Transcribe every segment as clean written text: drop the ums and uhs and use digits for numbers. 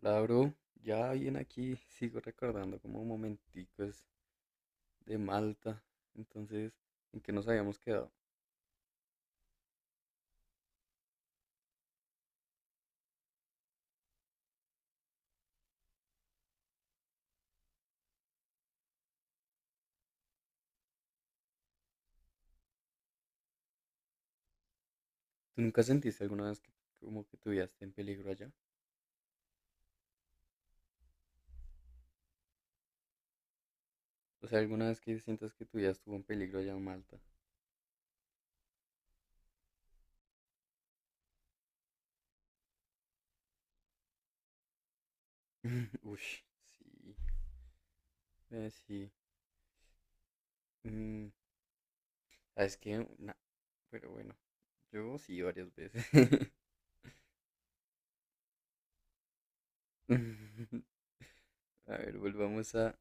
La bro, ya bien aquí sigo recordando como momenticos de Malta. Entonces, ¿en qué nos habíamos quedado? ¿Tú nunca sentiste alguna vez que como que tu vida esté en peligro allá? O sea, ¿alguna vez que sientas que tu vida estuvo en peligro allá en Malta? Ush, sí, sí. Mm, ¿Sabes qué? Nah, pero bueno, yo sí varias veces. A ver, volvamos a,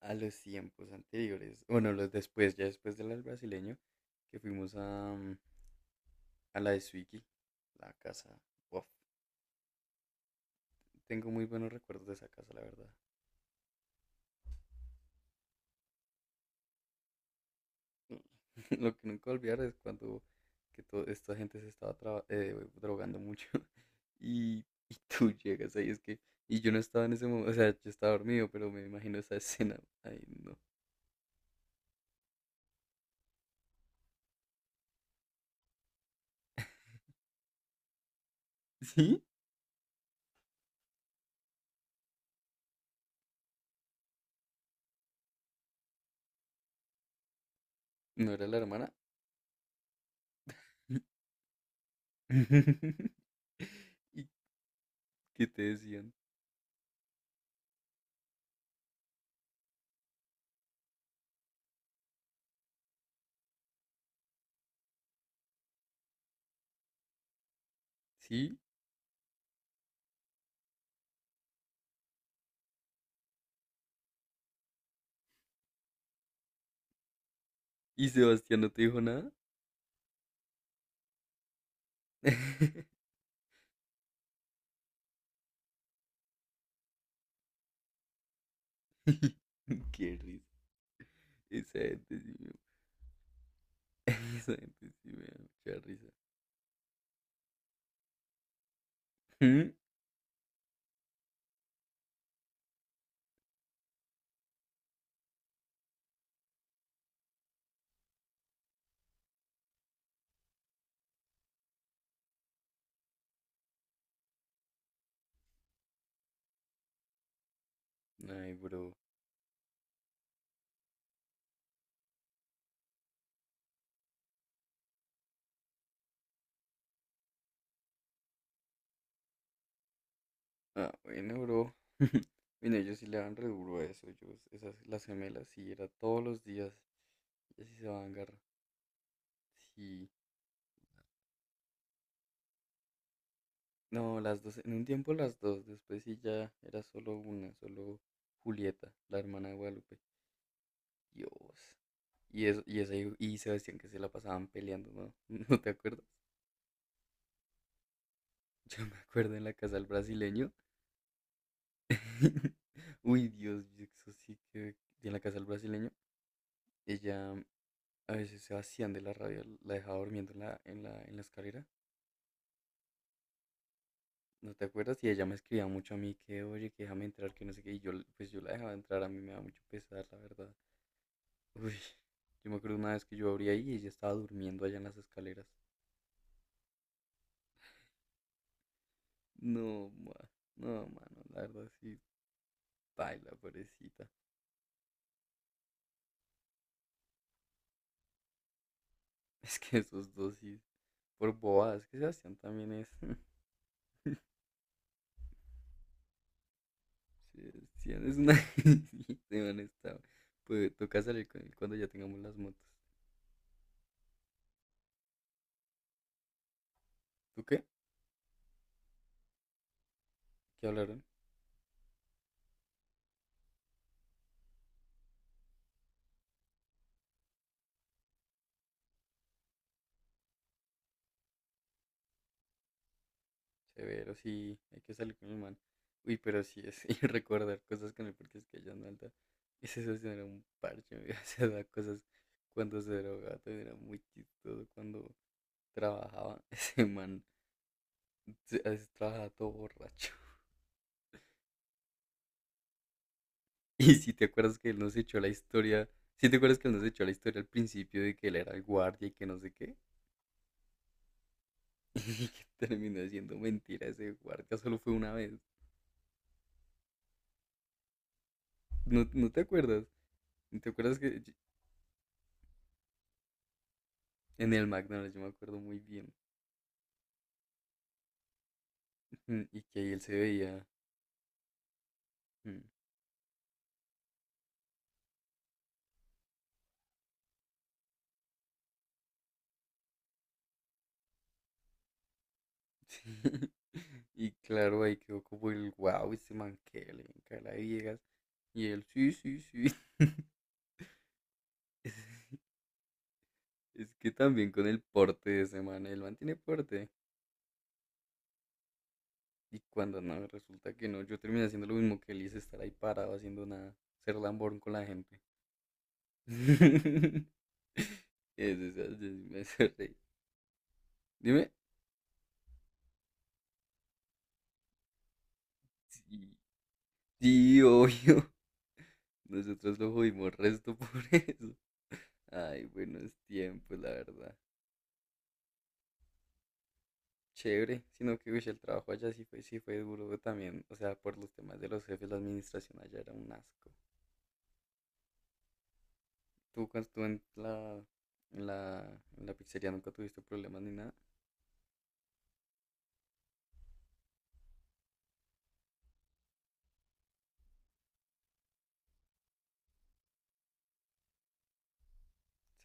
a los tiempos anteriores. Bueno, los después, ya después del brasileño, que fuimos a la de Swiggy, la casa. Uf, tengo muy buenos recuerdos de esa casa, la verdad. Lo que nunca olvidar es cuando que toda esta gente se estaba drogando mucho y, y tú llegas ahí, es que, y yo no estaba en ese momento, o sea, yo estaba dormido, pero me imagino esa escena. Ay, no. ¿Sí? ¿No era la hermana? ¿Y qué te decían? ¿Sí? ¿Y Sebastián no te dijo nada? Qué risa. Esa gente, sí, esa gente sí me da mucha risa. ¿Mm? Ay, bro. Ah, bueno, bro. Mira, ellos sí le dan re duro a eso. Yo, esas, las gemelas, sí, era todos los días. Y así se van garra. Sí. No, las dos, en un tiempo las dos, después sí ya era solo una, solo Julieta, la hermana de Guadalupe. Dios. Y eso, y esa y Sebastián que se la pasaban peleando, ¿no? ¿No te acuerdas? Yo me acuerdo en la casa del brasileño. Uy, Dios, eso sí que. Y en la casa del brasileño. Ella, a veces Sebastián de la radio la dejaba durmiendo en la escalera, ¿no te acuerdas? Y ella me escribía mucho a mí que, oye, que déjame entrar, que no sé qué. Y yo, pues yo la dejaba entrar, a mí me da mucho pesar, la verdad. Uy, yo me acuerdo una vez que yo abrí ahí y ella estaba durmiendo allá en las escaleras. No, no, mano, la verdad sí, baila, pobrecita. Es que esos dos sí, por bobadas, es que Sebastián también es. Sebastián es una. Sí, Sebastián está. Pues toca salir con él cuando ya tengamos las motos. ¿Tú qué? ¿Qué hablaron? Severo, sí, hay que salir con el man. Uy, pero sí es, y recordar cosas con él porque es que yo no alta. Ese socio era un parche, me hacía dar cosas cuando se drogaba, también era muy chistoso cuando trabajaba. Ese man a veces trabajaba todo borracho. Y si te acuerdas que él nos echó la historia, si te acuerdas que él nos echó la historia al principio de que él era el guardia y que no sé qué, y que terminó siendo mentira ese guardia, solo fue una vez. ¿No, no te acuerdas? ¿No? ¿Te acuerdas que en el McDonald's? Yo me acuerdo muy bien. Y que ahí él se veía. Mm, sí. Y claro, ahí quedó como el wow, este man que le encae la viejas. Y él, sí, sí, sí. Es es que también con el porte de ese man, el man tiene porte. Y cuando no, resulta que no, yo terminé haciendo lo mismo que él y hice, estar ahí parado haciendo nada, ser lamborn con la gente. Eso, me hace reír. Dime, sí, sí, obvio. Nosotros lo jodimos resto por eso. Ay, buenos tiempos, la verdad. Chévere, sino que uy, el trabajo allá sí fue duro también. O sea, por los temas de los jefes, la administración allá era un asco. ¿Tú cuando estuvo en la pizzería nunca tuviste problemas ni nada?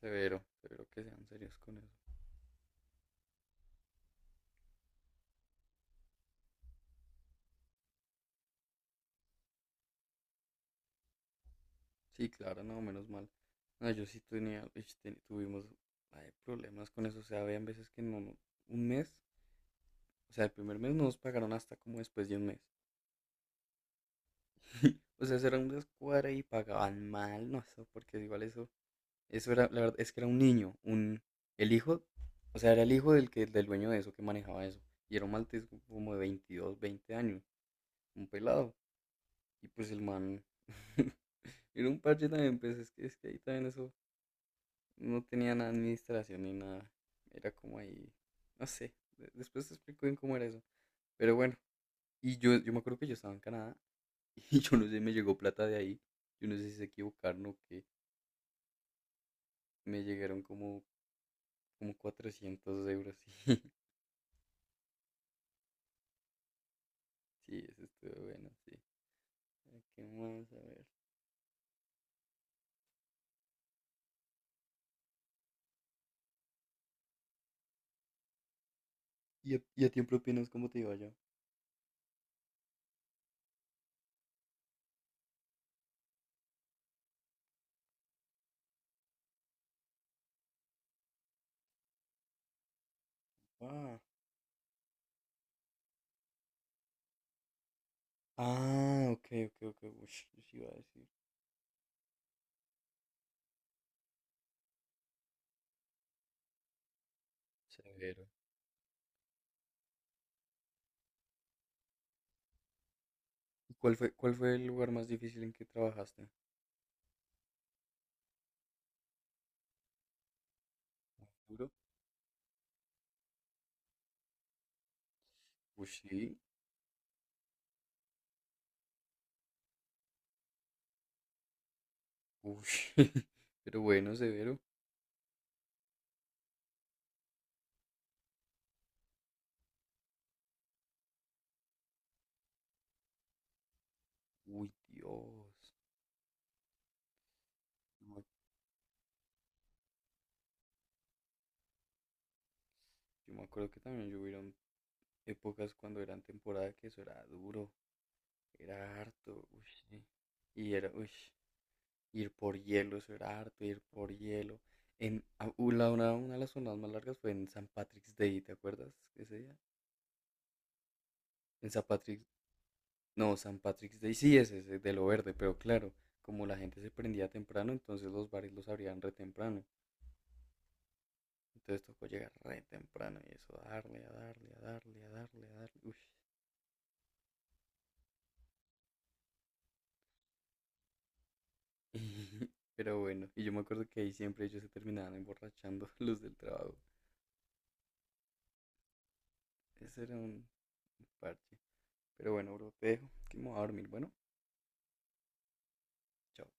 Severo, severo que sean serios con eso. Sí, claro, no, menos mal. No, yo sí tenía, tuvimos ay, problemas con eso. O sea, habían veces que un mes, o sea, el primer mes no nos pagaron hasta como después de un mes. O sea, eso era una escuadra y pagaban mal, no sé, porque igual eso, eso era, la verdad, es que era un niño, un, el hijo, o sea, era el hijo del que, del dueño de eso que manejaba eso, y era un maltés como de 22 20 años, un pelado, y pues el man, era un parche también, pues es que ahí también eso, no tenía nada de administración ni nada, era como ahí, no sé, de- después te explico bien cómo era eso, pero bueno, y yo me acuerdo que yo estaba en Canadá, y yo no sé, me llegó plata de ahí, yo no sé si se equivocaron o qué, me llegaron como 400 euros. Sí, sí, eso estuvo bueno, sí. A ver, ¿qué más? A ver. Y a ti en propinas cómo te iba yo? Ah, ah, ok, ok, ok. Ush, yo sí iba a decir. Severo. ¿Y? ¿Cuál fue el lugar más difícil en que trabajaste? ¿Duro? Uy, sí, uy, pero bueno, severo. Uy, Dios. Yo me, yo me acuerdo que también yo hubieron épocas cuando eran temporada que eso era duro, era harto, uy, sí. Y era, uy, ir por hielo, eso era harto, ir por hielo. En, a- u- una de las zonas más largas fue en San Patrick's Day, ¿te acuerdas ese día? En San Patrick's, no, San Patrick's Day sí ese es de lo verde, pero claro, como la gente se prendía temprano, entonces los bares los abrían re temprano. Entonces tocó llegar re temprano y eso, darle, a darle, a darle, a darle, a darle, uy. Pero bueno, y yo me acuerdo que ahí siempre ellos se terminaban emborrachando los del trabajo. Ese era un parche. Pero bueno, bro, te dejo, que me voy a dormir, bueno. Chao.